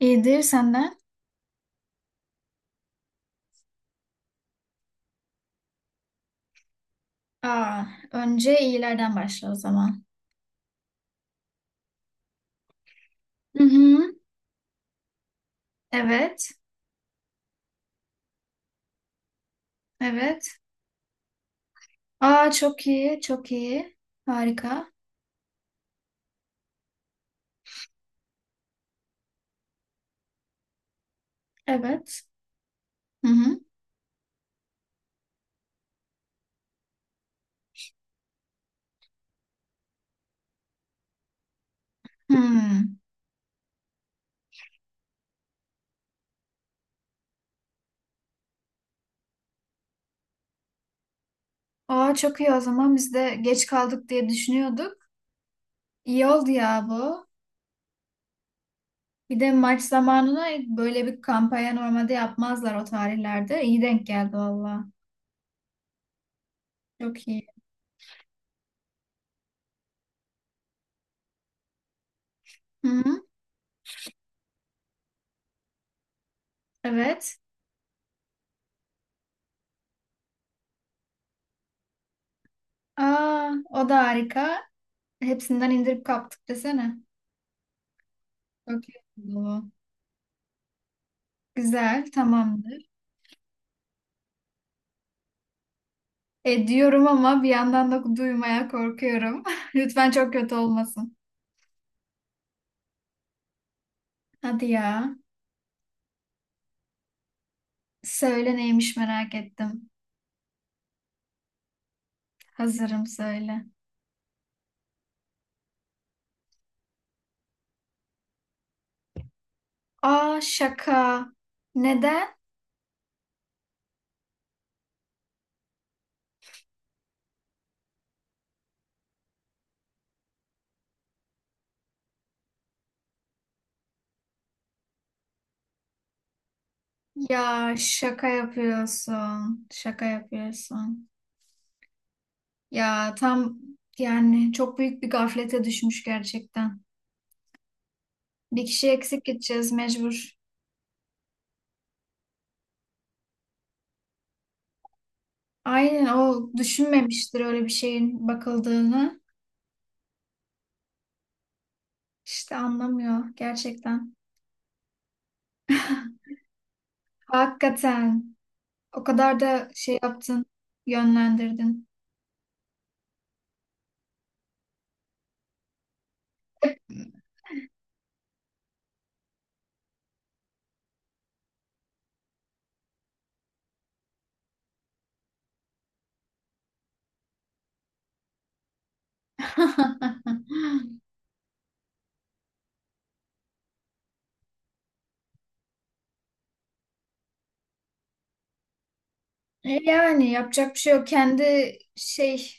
İyidir senden. Aa, önce iyilerden başla o zaman. Hı hı. Evet, evet. Aa, çok iyi, çok iyi. Harika. Evet. Hı hı. Hmm. Aa, çok iyi o zaman. Biz de geç kaldık diye düşünüyorduk. İyi oldu ya bu. Bir de maç zamanına böyle bir kampanya normalde yapmazlar o tarihlerde. İyi denk geldi valla. Çok iyi. Hı hı. Evet. Aa, o da harika. Hepsinden indirip kaptık desene. Çok iyi oldu bu. Güzel, tamamdır. Diyorum ama bir yandan da duymaya korkuyorum. Lütfen çok kötü olmasın. Hadi ya. Söyle neymiş merak ettim. Hazırım söyle. Aa, şaka. Neden? Ya şaka yapıyorsun. Şaka yapıyorsun. Ya tam yani çok büyük bir gaflete düşmüş gerçekten. Bir kişi eksik gideceğiz mecbur. Aynen, o düşünmemiştir öyle bir şeyin bakıldığını. İşte anlamıyor gerçekten. Hakikaten. O kadar da şey yaptın, yönlendirdin. Yani yapacak bir şey yok. Kendi şey,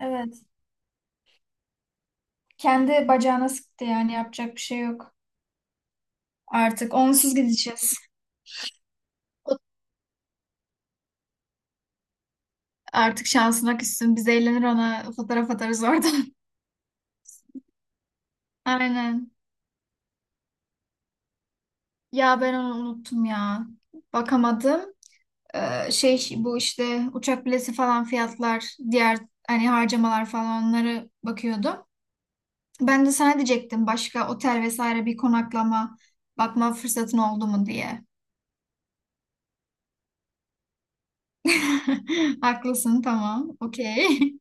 evet. Kendi bacağına sıktı yani yapacak bir şey yok. Artık onsuz gideceğiz. O- Artık şansına küssün. Biz eğlenir ona. Fotoğraf atarız oradan. Aynen. Ya ben onu unuttum ya. Bakamadım. Şey bu işte uçak bileti falan fiyatlar, diğer hani harcamalar falan onları bakıyordum. Ben de sana diyecektim başka otel vesaire bir konaklama bakma fırsatın oldu mu diye. Haklısın, tamam. Okey.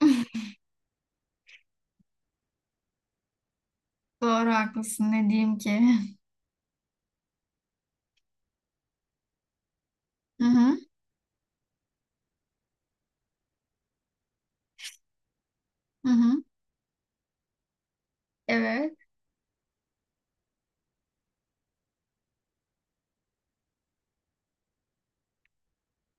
Doğru, haklısın, ne diyeyim ki. Hı hı, hı hı. Evet.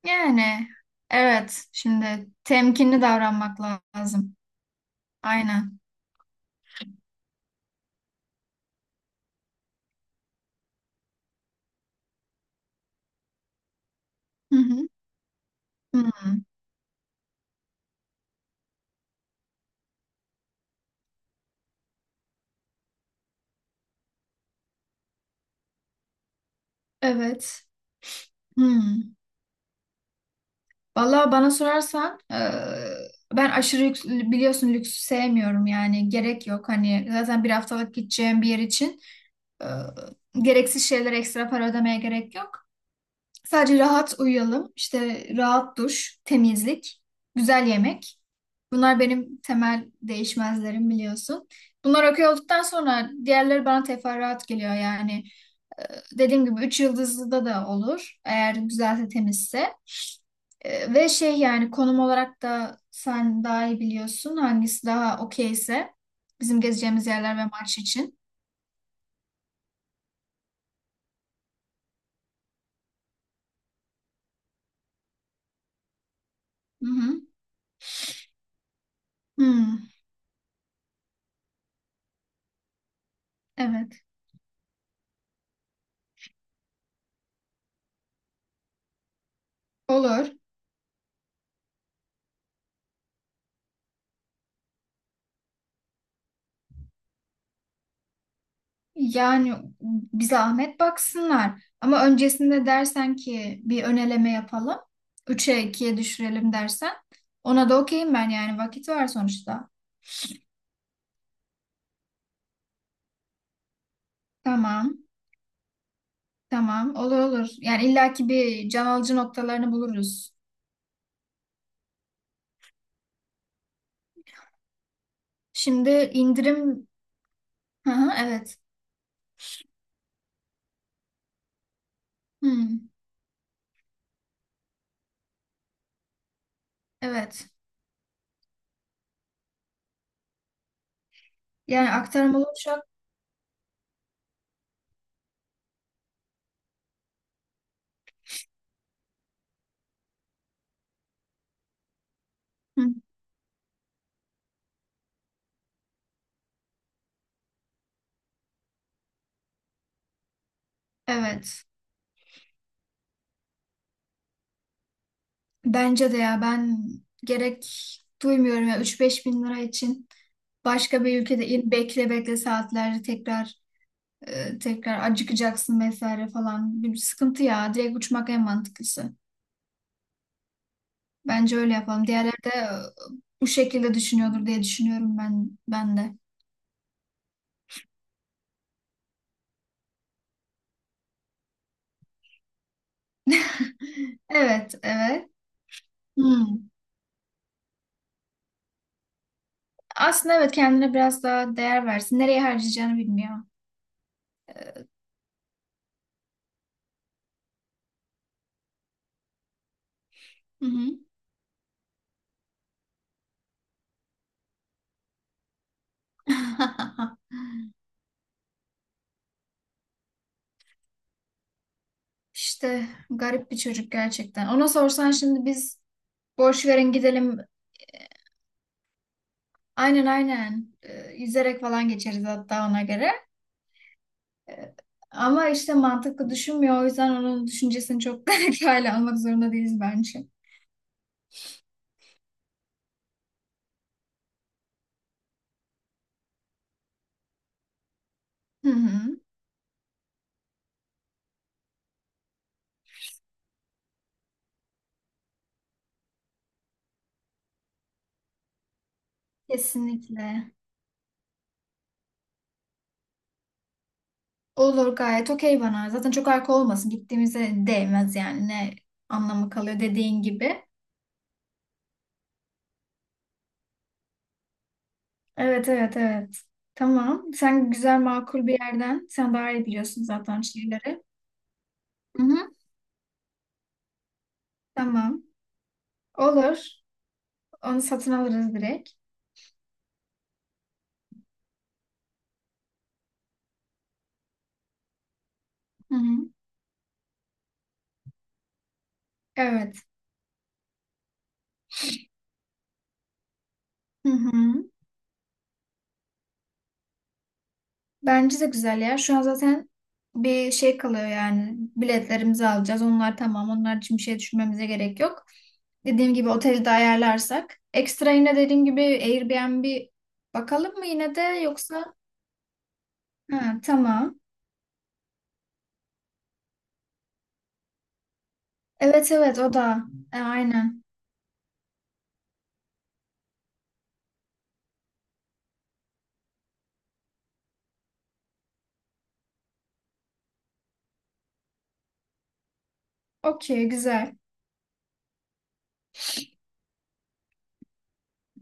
Yani evet, şimdi temkinli davranmak lazım. Aynen. Hı hı. Hı. Evet. Hı. Vallahi bana sorarsan ben aşırı lüks, biliyorsun lüks sevmiyorum yani gerek yok. Hani zaten bir haftalık gideceğim bir yer için E, gereksiz şeylere ekstra para ödemeye gerek yok. Sadece rahat uyuyalım. İşte rahat duş, temizlik, güzel yemek. Bunlar benim temel değişmezlerim, biliyorsun. Bunlar okey olduktan sonra diğerleri bana teferruat geliyor yani. Dediğim gibi üç yıldızlı da olur. Eğer güzelse, temizse. Ve şey yani konum olarak da sen daha iyi biliyorsun hangisi daha okeyse bizim gezeceğimiz yerler ve maç için. Hı hı. Hmm, evet. Olur. Yani bir zahmet baksınlar. Ama öncesinde dersen ki bir ön eleme yapalım. 3'e 2'ye düşürelim dersen ona da okeyim ben, yani vakit var sonuçta. Tamam, tamam, olur olur. Yani illaki bir can alıcı noktalarını buluruz. Şimdi indirim... Hı hı, evet. Hı, evet. Yani aktarmalı uçak... Hı, evet. Bence de ya, ben gerek duymuyorum ya üç beş bin lira için. Başka bir ülkede in, bekle bekle saatlerce tekrar tekrar acıkacaksın vesaire falan. Bir sıkıntı ya. Direkt uçmak en mantıklısı. Bence öyle yapalım. Diğerleri de bu şekilde düşünüyordur diye düşünüyorum ben de. Evet, evet. Hmm. Aslında evet, kendine biraz daha değer versin. Nereye harcayacağını bilmiyor. Hı hı. İşte garip bir çocuk gerçekten. Ona sorsan şimdi biz boş verin gidelim. Aynen, aynen. Yüzerek falan geçeriz hatta ona göre. Ee, Ama işte mantıklı düşünmüyor. O yüzden onun düşüncesini çok dikkatli almak zorunda değiliz bence. Hı hı. Kesinlikle. Olur, gayet okey bana. Zaten çok arka olmasın, gittiğimize değmez yani. Ne anlamı kalıyor, dediğin gibi. Evet, evet, evet. Tamam. Sen güzel makul bir yerden. Sen daha iyi biliyorsun zaten şeyleri. Hı hı. Tamam. Olur. Onu satın alırız direkt. Hı hı. Evet. Hı hı. Bence de güzel ya. Şu an zaten bir şey kalıyor yani. Biletlerimizi alacağız. Onlar tamam. Onlar için bir şey düşünmemize gerek yok. Dediğim gibi oteli de ayarlarsak. Ekstra yine dediğim gibi Airbnb bakalım mı yine de yoksa? Ha, tamam. Evet, evet, o da. Aynen. Okey, güzel.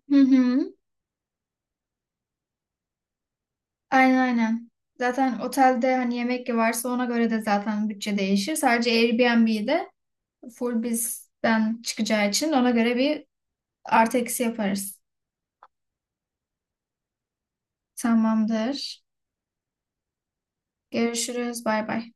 Hı hı. Aynen, aynen. Zaten otelde hani yemek varsa ona göre de zaten bütçe değişir. Sadece Airbnb'yi de full bizden çıkacağı için ona göre bir artı eksi yaparız. Tamamdır. Görüşürüz. Bay bay.